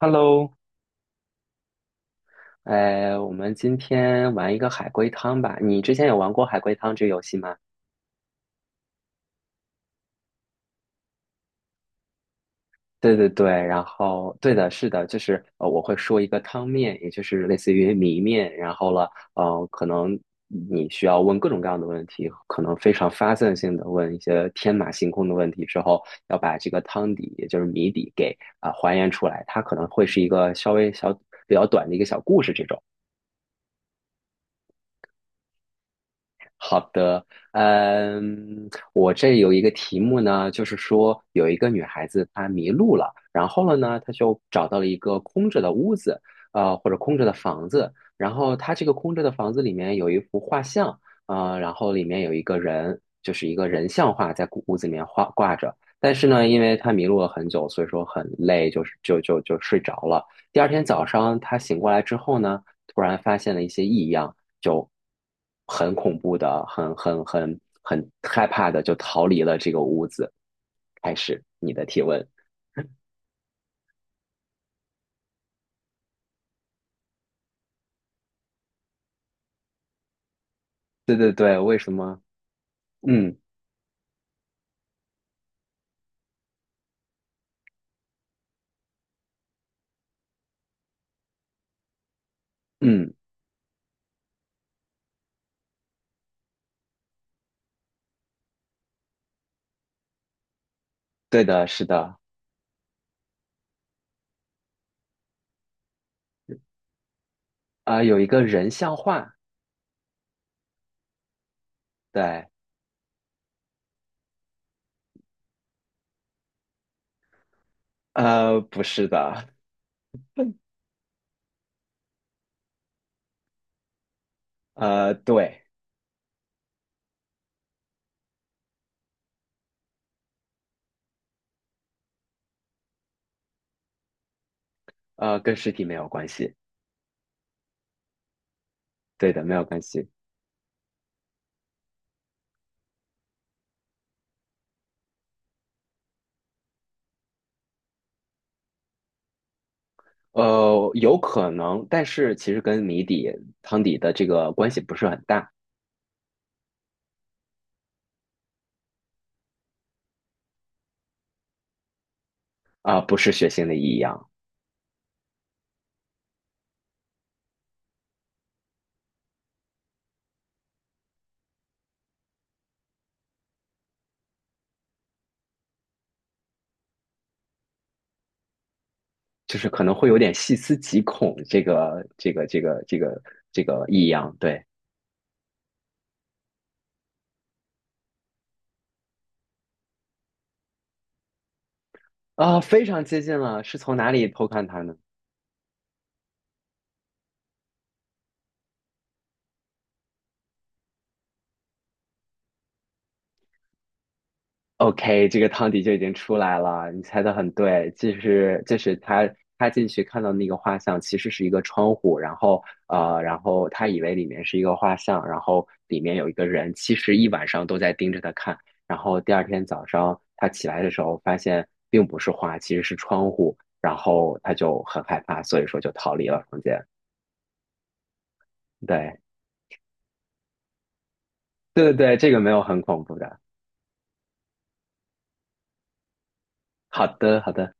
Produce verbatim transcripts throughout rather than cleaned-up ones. Hello，呃，我们今天玩一个海龟汤吧。你之前有玩过海龟汤这个游戏吗？对对对，然后对的，是的，就是呃，我会说一个汤面，也就是类似于谜面，然后了，呃，可能你需要问各种各样的问题，可能非常发散性的问一些天马行空的问题之后，要把这个汤底，也就是谜底给啊、还原出来。它可能会是一个稍微小比较短的一个小故事这种。嗯，我这有一个题目呢，就是说有一个女孩子她迷路了，然后了呢，她就找到了一个空着的屋子，呃，或者空着的房子，然后她这个空着的房子里面有一幅。呃，然后里面有一个人，就是一个人像画在屋子里面画挂着。但是呢，因为他迷路了很久，所以说很累，就是就就就睡着了。第二天早上他醒过来之后呢，突然发现了一些异样，就很恐怖的，很很很很害怕的，就逃离了这个屋子。开始你的提问。对对对，为什么？嗯嗯，对的，是的，啊、有一个人像画，对，呃，不是的，呃，对。呃，跟实体没有关系，对的，没有关系。呃，有可能，但是其实跟谜底、汤底的这个关系不是很大啊，不是血腥的异样，就是可能会有点细思极恐，这个、这个、这个、这个、这个异样，对啊，非常接近了，是从哪里偷看他呢？OK，这个汤底就已经出来了，你猜的很对，就是就是他他进去看到那个画像其实是一个窗户，然后呃，然后他以为里面是一个画像，然后里面有一个人，其实一晚上都在盯着他看，然后第二天早上他起来的时候发现并不是画，其实是窗户，然后他就很害怕，所以说就逃离了房间。对对对对，这个没有很恐怖的。好的好的。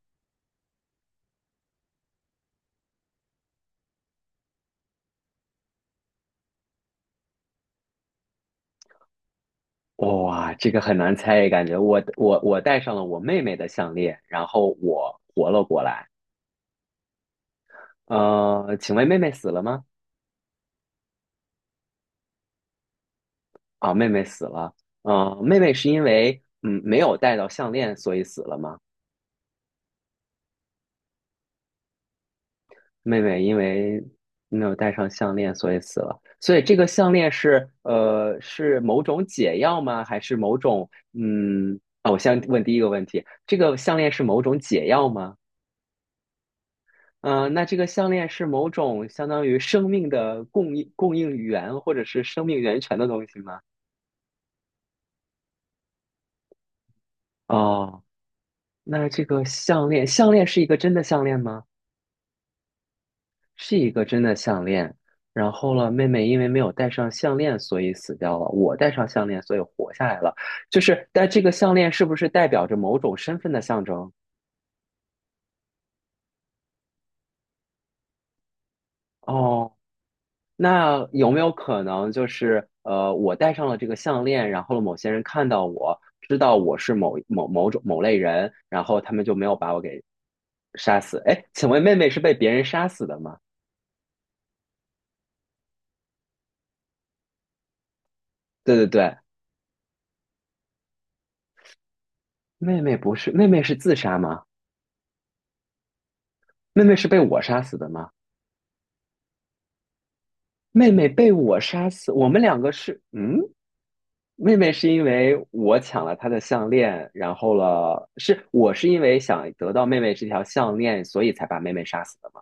哇，这个很难猜，感觉我我我戴上了我妹妹的项链，然后我活了过来。呃，请问妹妹死了吗？啊，妹妹死了。呃，妹妹是因为嗯没有戴到项链，所以死了吗？妹妹因为没有戴上项链，所以死了。所以这个项链是呃是某种解药吗？还是某种嗯啊？我先问第一个问题，这个项链是某种解药吗？嗯，那这个项链是某种相当于生命的供应供应源，或者是生命源泉的东西吗？哦，那这个项链，项链是一个真的项链吗？是一个真的项链。然后了，妹妹因为没有戴上项链，所以死掉了。我戴上项链，所以活下来了。就是，但这个项链是不是代表着某种身份的象征？哦，那有没有可能就是呃，我戴上了这个项链，然后某些人看到我，知道我是某某某种某类人，然后他们就没有把我给杀死？哎，请问妹妹是被别人杀死的吗？对对对，妹妹不是，妹妹是自杀吗？妹妹是被我杀死的吗？妹妹被我杀死，我们两个是嗯。妹妹是因为我抢了她的项链，然后了，是我是因为想得到妹妹这条项链，所以才把妹妹杀死的吗？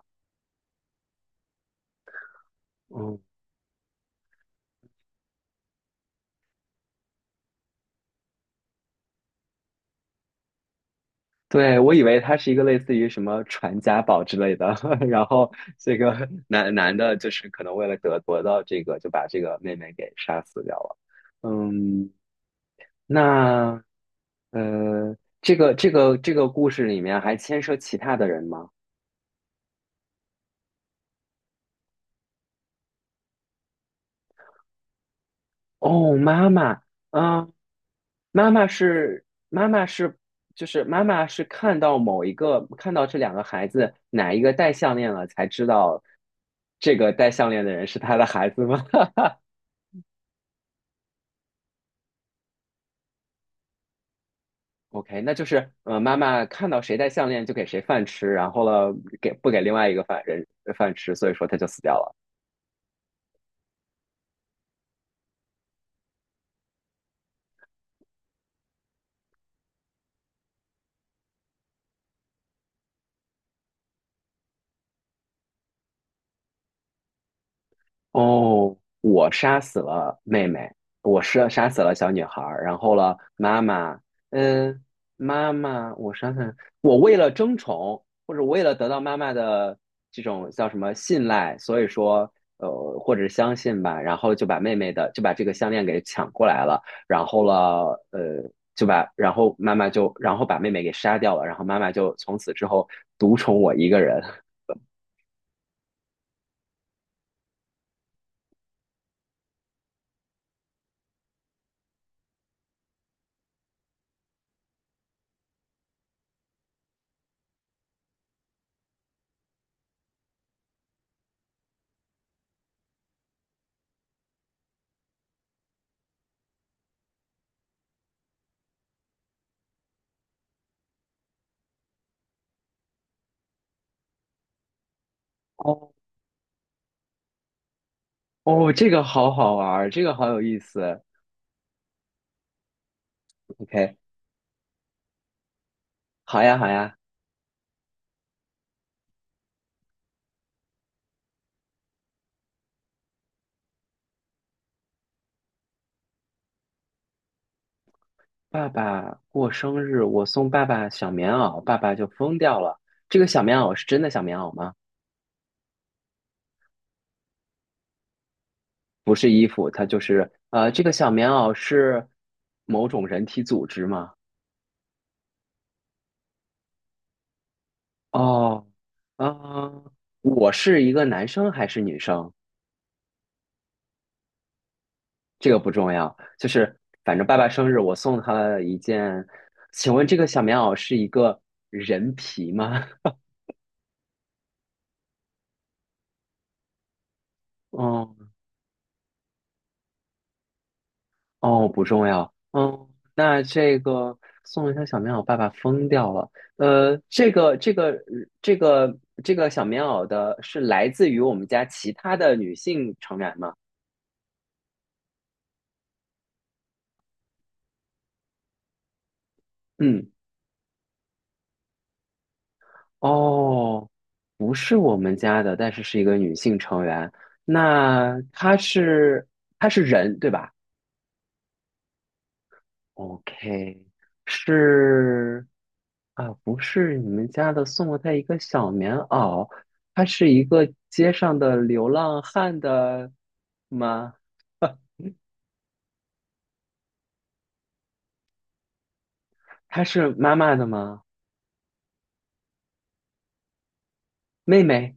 嗯。对，我以为他是一个类似于什么传家宝之类的，然后这个 男男的，就是可能为了得得到这个，就把这个妹妹给杀死掉了。嗯，那呃，这个这个这个故事里面还牵涉其他的人吗？哦，妈妈，嗯，妈妈是妈妈是就是妈妈是看到某一个看到这两个孩子哪一个戴项链了，才知道这个戴项链的人是他的孩子吗 ？OK，那就是呃，妈妈看到谁戴项链就给谁饭吃，然后了给不给另外一个饭人呃饭吃，所以说他就死掉了。哦，我杀死了妹妹，我杀杀死了小女孩儿，然后了妈妈，嗯，妈妈，我想想，我为了争宠，或者为了得到妈妈的这种叫什么信赖，所以说，呃，或者相信吧，然后就把妹妹的就把这个项链给抢过来了，然后了，呃，就把然后妈妈就然后把妹妹给杀掉了，然后妈妈就从此之后独宠我一个人。哦哦，这个好好玩儿，这个好有意思。OK，好呀，好呀。爸爸过生日，我送爸爸小棉袄，爸爸就疯掉了。这个小棉袄是真的小棉袄吗？不是衣服，它就是呃，这个小棉袄是某种人体组织吗？哦，嗯、我是一个男生还是女生？这个不重要，就是反正爸爸生日，我送他了一件。请问这个小棉袄是一个人皮吗？哦，哦，不重要。嗯，那这个送一条小棉袄，爸爸疯掉了。呃，这个这个这个这个小棉袄的是来自于我们家其他的女性成员吗？嗯，哦，不是我们家的，但是是一个女性成员。那她是她是人，对吧？OK，是啊，不是你们家的送了他一个小棉袄，他是一个街上的流浪汉的吗？他是妈妈的吗？妹妹，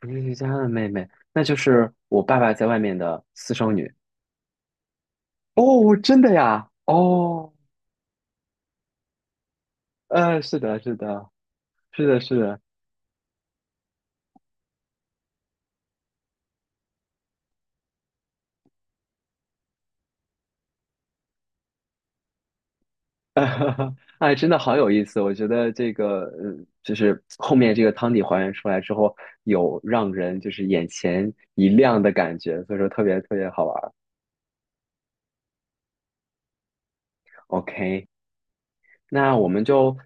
不是瑜家的妹妹，那就是我爸爸在外面的私生女。哦，真的呀？哦，呃，是的，是的，是的，是的，哎，真的好有意思！我觉得这个，呃，就是后面这个汤底还原出来之后，有让人就是眼前一亮的感觉，所以说特别特别好玩儿。OK，那我们就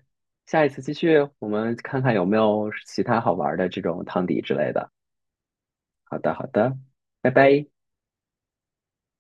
下一次继续，我们看看有没有其他好玩儿的这种汤底之类的。好的，好的，拜拜。